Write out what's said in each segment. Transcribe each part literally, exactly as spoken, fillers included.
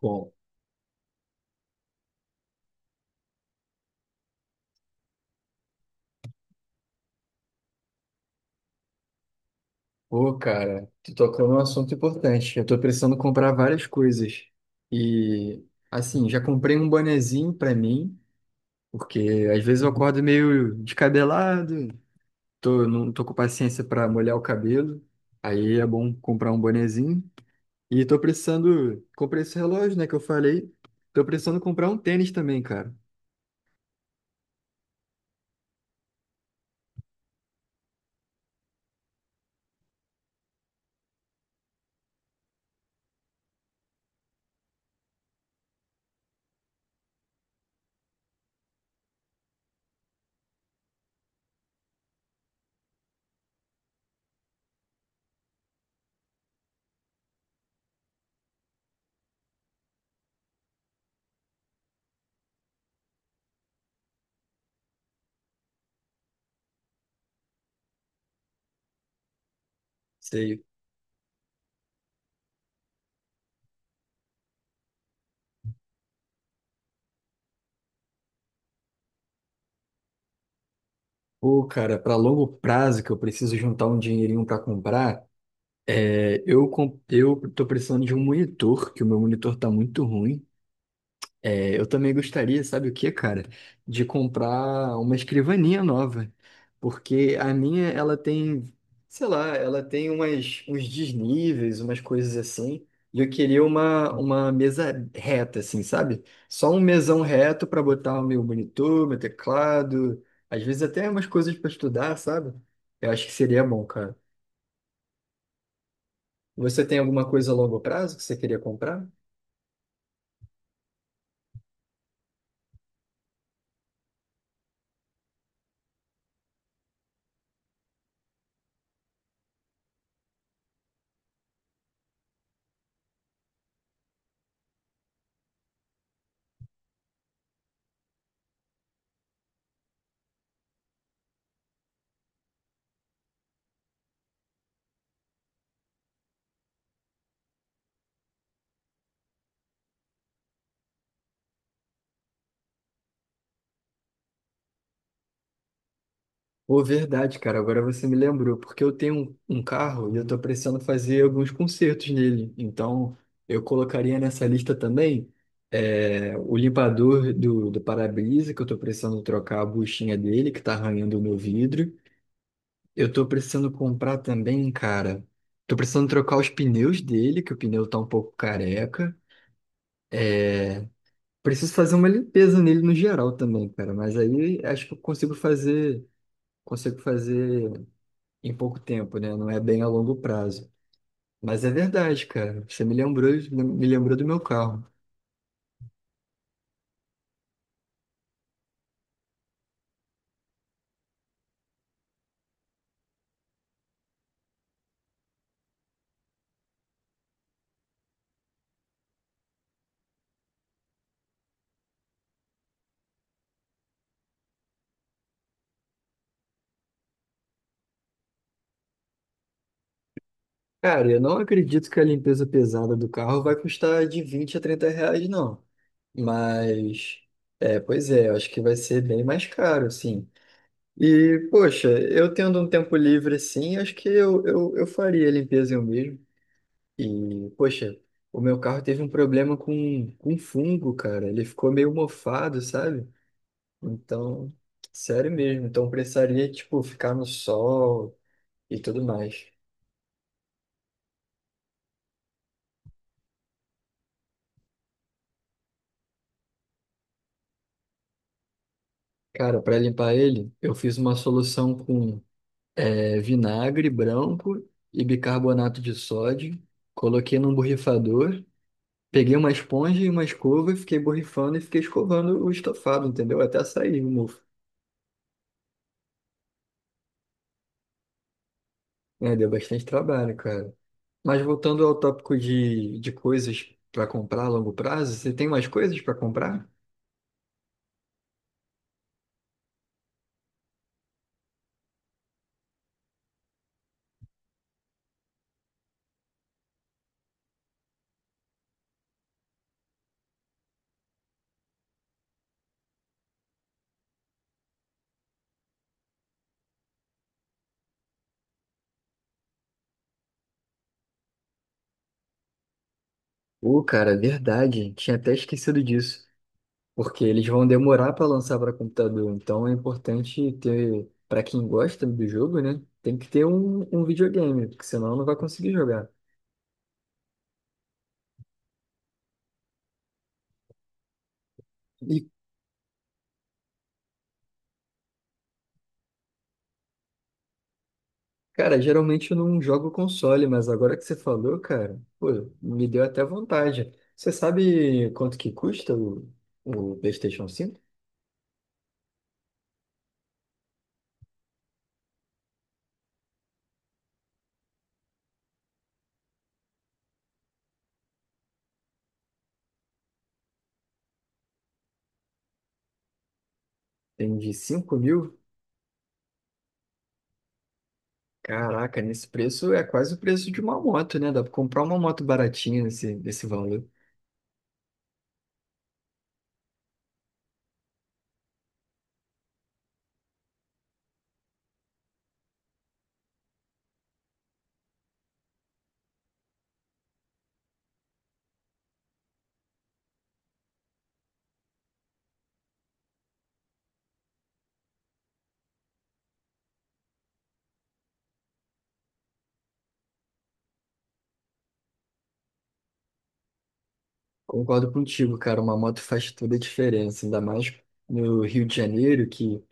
Bom, pô, cara, tu tocou num assunto importante. Eu tô precisando comprar várias coisas. E, assim, já comprei um bonezinho pra mim, porque às vezes eu acordo meio descabelado, tô, não tô com paciência pra molhar o cabelo. Aí é bom comprar um bonezinho. E tô precisando. Comprei esse relógio, né, que eu falei. Tô precisando comprar um tênis também, cara. Sei. Pô, cara, pra longo prazo que eu preciso juntar um dinheirinho pra comprar. É, eu, com- eu tô precisando de um monitor, que o meu monitor tá muito ruim. É, eu também gostaria, sabe o que, cara? De comprar uma escrivaninha nova. Porque a minha, ela tem, sei lá, ela tem umas, uns desníveis, umas coisas assim. E eu queria uma, uma mesa reta, assim, sabe? Só um mesão reto para botar o meu monitor, meu teclado, às vezes até umas coisas para estudar, sabe? Eu acho que seria bom, cara. Você tem alguma coisa a longo prazo que você queria comprar? Pô, verdade, cara. Agora você me lembrou, porque eu tenho um, um carro e eu tô precisando fazer alguns consertos nele. Então, eu colocaria nessa lista também é, o limpador do, do para-brisa, que eu tô precisando trocar a buchinha dele, que tá arranhando o meu vidro. Eu tô precisando comprar também, cara. Tô precisando trocar os pneus dele, que o pneu tá um pouco careca. É, preciso fazer uma limpeza nele no geral também, cara. Mas aí acho que eu consigo fazer. Consigo fazer em pouco tempo, né? Não é bem a longo prazo. Mas é verdade, cara. Você me lembrou, me lembrou do meu carro. Cara, eu não acredito que a limpeza pesada do carro vai custar de vinte a trinta reais, não. Mas, é, pois é, eu acho que vai ser bem mais caro, sim. E, poxa, eu tendo um tempo livre assim, acho que eu, eu, eu faria a limpeza eu mesmo. E, poxa, o meu carro teve um problema com, com fungo, cara. Ele ficou meio mofado, sabe? Então, sério mesmo. Então precisaria, tipo, ficar no sol e tudo mais. Cara, para limpar ele, eu fiz uma solução com é, vinagre branco e bicarbonato de sódio. Coloquei num borrifador, peguei uma esponja e uma escova e fiquei borrifando e fiquei escovando o estofado, entendeu? Até sair o mofo. É, deu bastante trabalho, cara. Mas voltando ao tópico de, de coisas para comprar a longo prazo, você tem mais coisas para comprar? Ô, cara, é verdade. Tinha até esquecido disso. Porque eles vão demorar para lançar para computador. Então é importante ter, para quem gosta do jogo, né? Tem que ter um, um videogame, porque senão não vai conseguir jogar. E, cara, geralmente eu não jogo console, mas agora que você falou, cara, pô, me deu até vontade. Você sabe quanto que custa o, o PlayStation cinco. Tem de cinco mil? Caraca, nesse preço é quase o preço de uma moto, né? Dá pra comprar uma moto baratinha nesse, nesse valor. Concordo contigo, cara. Uma moto faz toda a diferença, ainda mais no Rio de Janeiro, que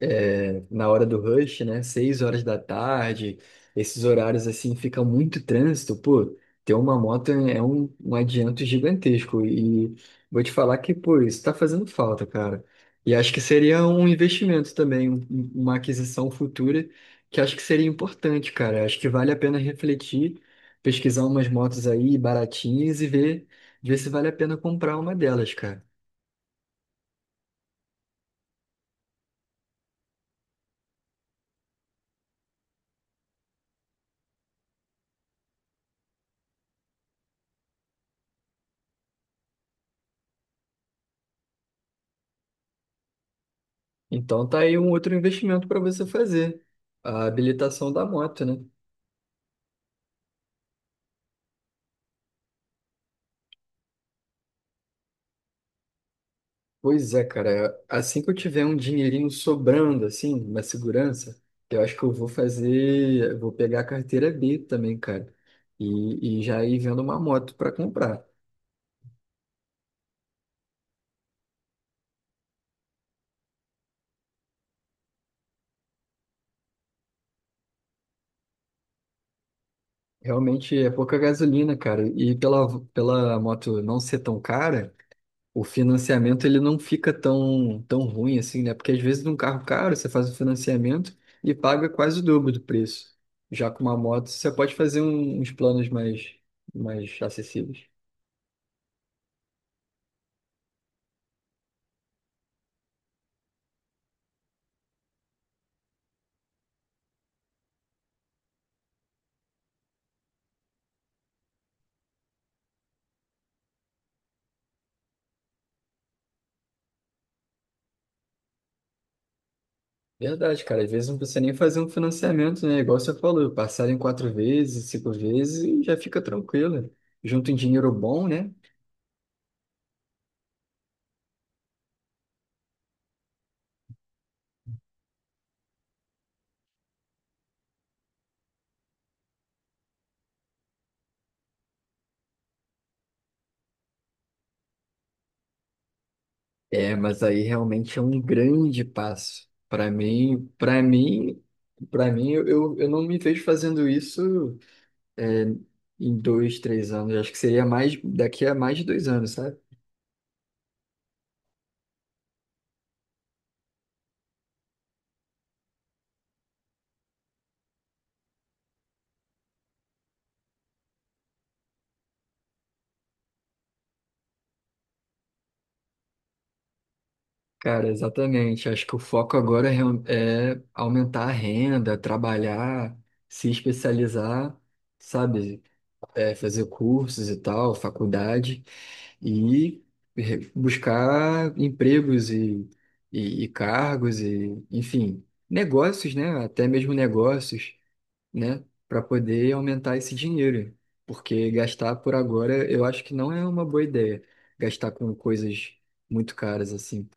é, na hora do rush, né? Seis horas da tarde, esses horários assim fica muito trânsito, pô. Ter uma moto é um, um adianto gigantesco e vou te falar que, pô, isso tá fazendo falta, cara. E acho que seria um investimento também, um- um, uma aquisição futura que acho que seria importante, cara. Acho que vale a pena refletir, pesquisar umas motos aí baratinhas e ver, ver se vale a pena comprar uma delas, cara. Então tá aí um outro investimento para você fazer, a habilitação da moto, né? Pois é, cara, assim que eu tiver um dinheirinho sobrando, assim, uma segurança, eu acho que eu vou fazer, eu vou pegar a carteira B também, cara, e, e já ir vendo uma moto para comprar. Realmente é pouca gasolina, cara, e pela, pela moto não ser tão cara. O financiamento ele não fica tão, tão ruim assim, né? Porque às vezes num carro caro você faz o financiamento e paga quase o dobro do preço. Já com uma moto você pode fazer um- uns planos mais, mais acessíveis. Verdade, cara. Às vezes não precisa nem fazer um financiamento, né? Igual você falou, passar em quatro vezes, cinco vezes e já fica tranquilo. Junto em dinheiro bom, né? É, mas aí realmente é um grande passo. Para mim, para mim, para mim, eu, eu eu não me vejo fazendo isso é, em dois, três anos. Acho que seria mais daqui a mais de dois anos, sabe? Cara, exatamente. Acho que o foco agora é, real- é aumentar a renda, trabalhar, se especializar, sabe? É, fazer cursos e tal, faculdade e re- buscar empregos e, e, e cargos e, enfim, negócios, né? Até mesmo negócios. Né, para poder aumentar esse dinheiro, porque gastar por agora eu acho que não é uma boa ideia, gastar com coisas muito caras assim.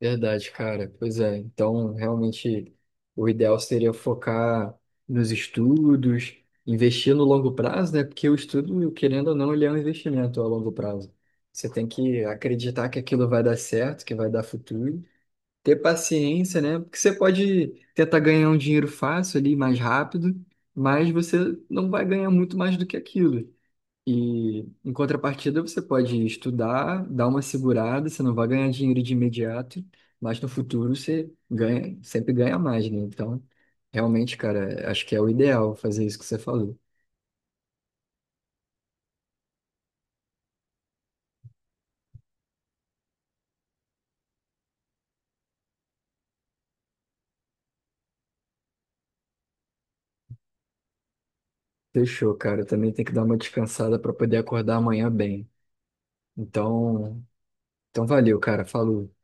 Verdade, cara. Pois é. Então, realmente, o ideal seria focar nos estudos, investir no longo prazo, né? Porque o estudo, querendo ou não, ele é um investimento a longo prazo. Você tem que acreditar que aquilo vai dar certo, que vai dar futuro, ter paciência, né? Porque você pode tentar ganhar um dinheiro fácil ali, mais rápido, mas você não vai ganhar muito mais do que aquilo. E em contrapartida, você pode estudar, dar uma segurada, você não vai ganhar dinheiro de imediato, mas no futuro você ganha, sempre ganha mais, né? Então, realmente, cara, acho que é o ideal fazer isso que você falou. Fechou, cara. Eu também tem que dar uma descansada para poder acordar amanhã bem. Então, então valeu, cara. Falou.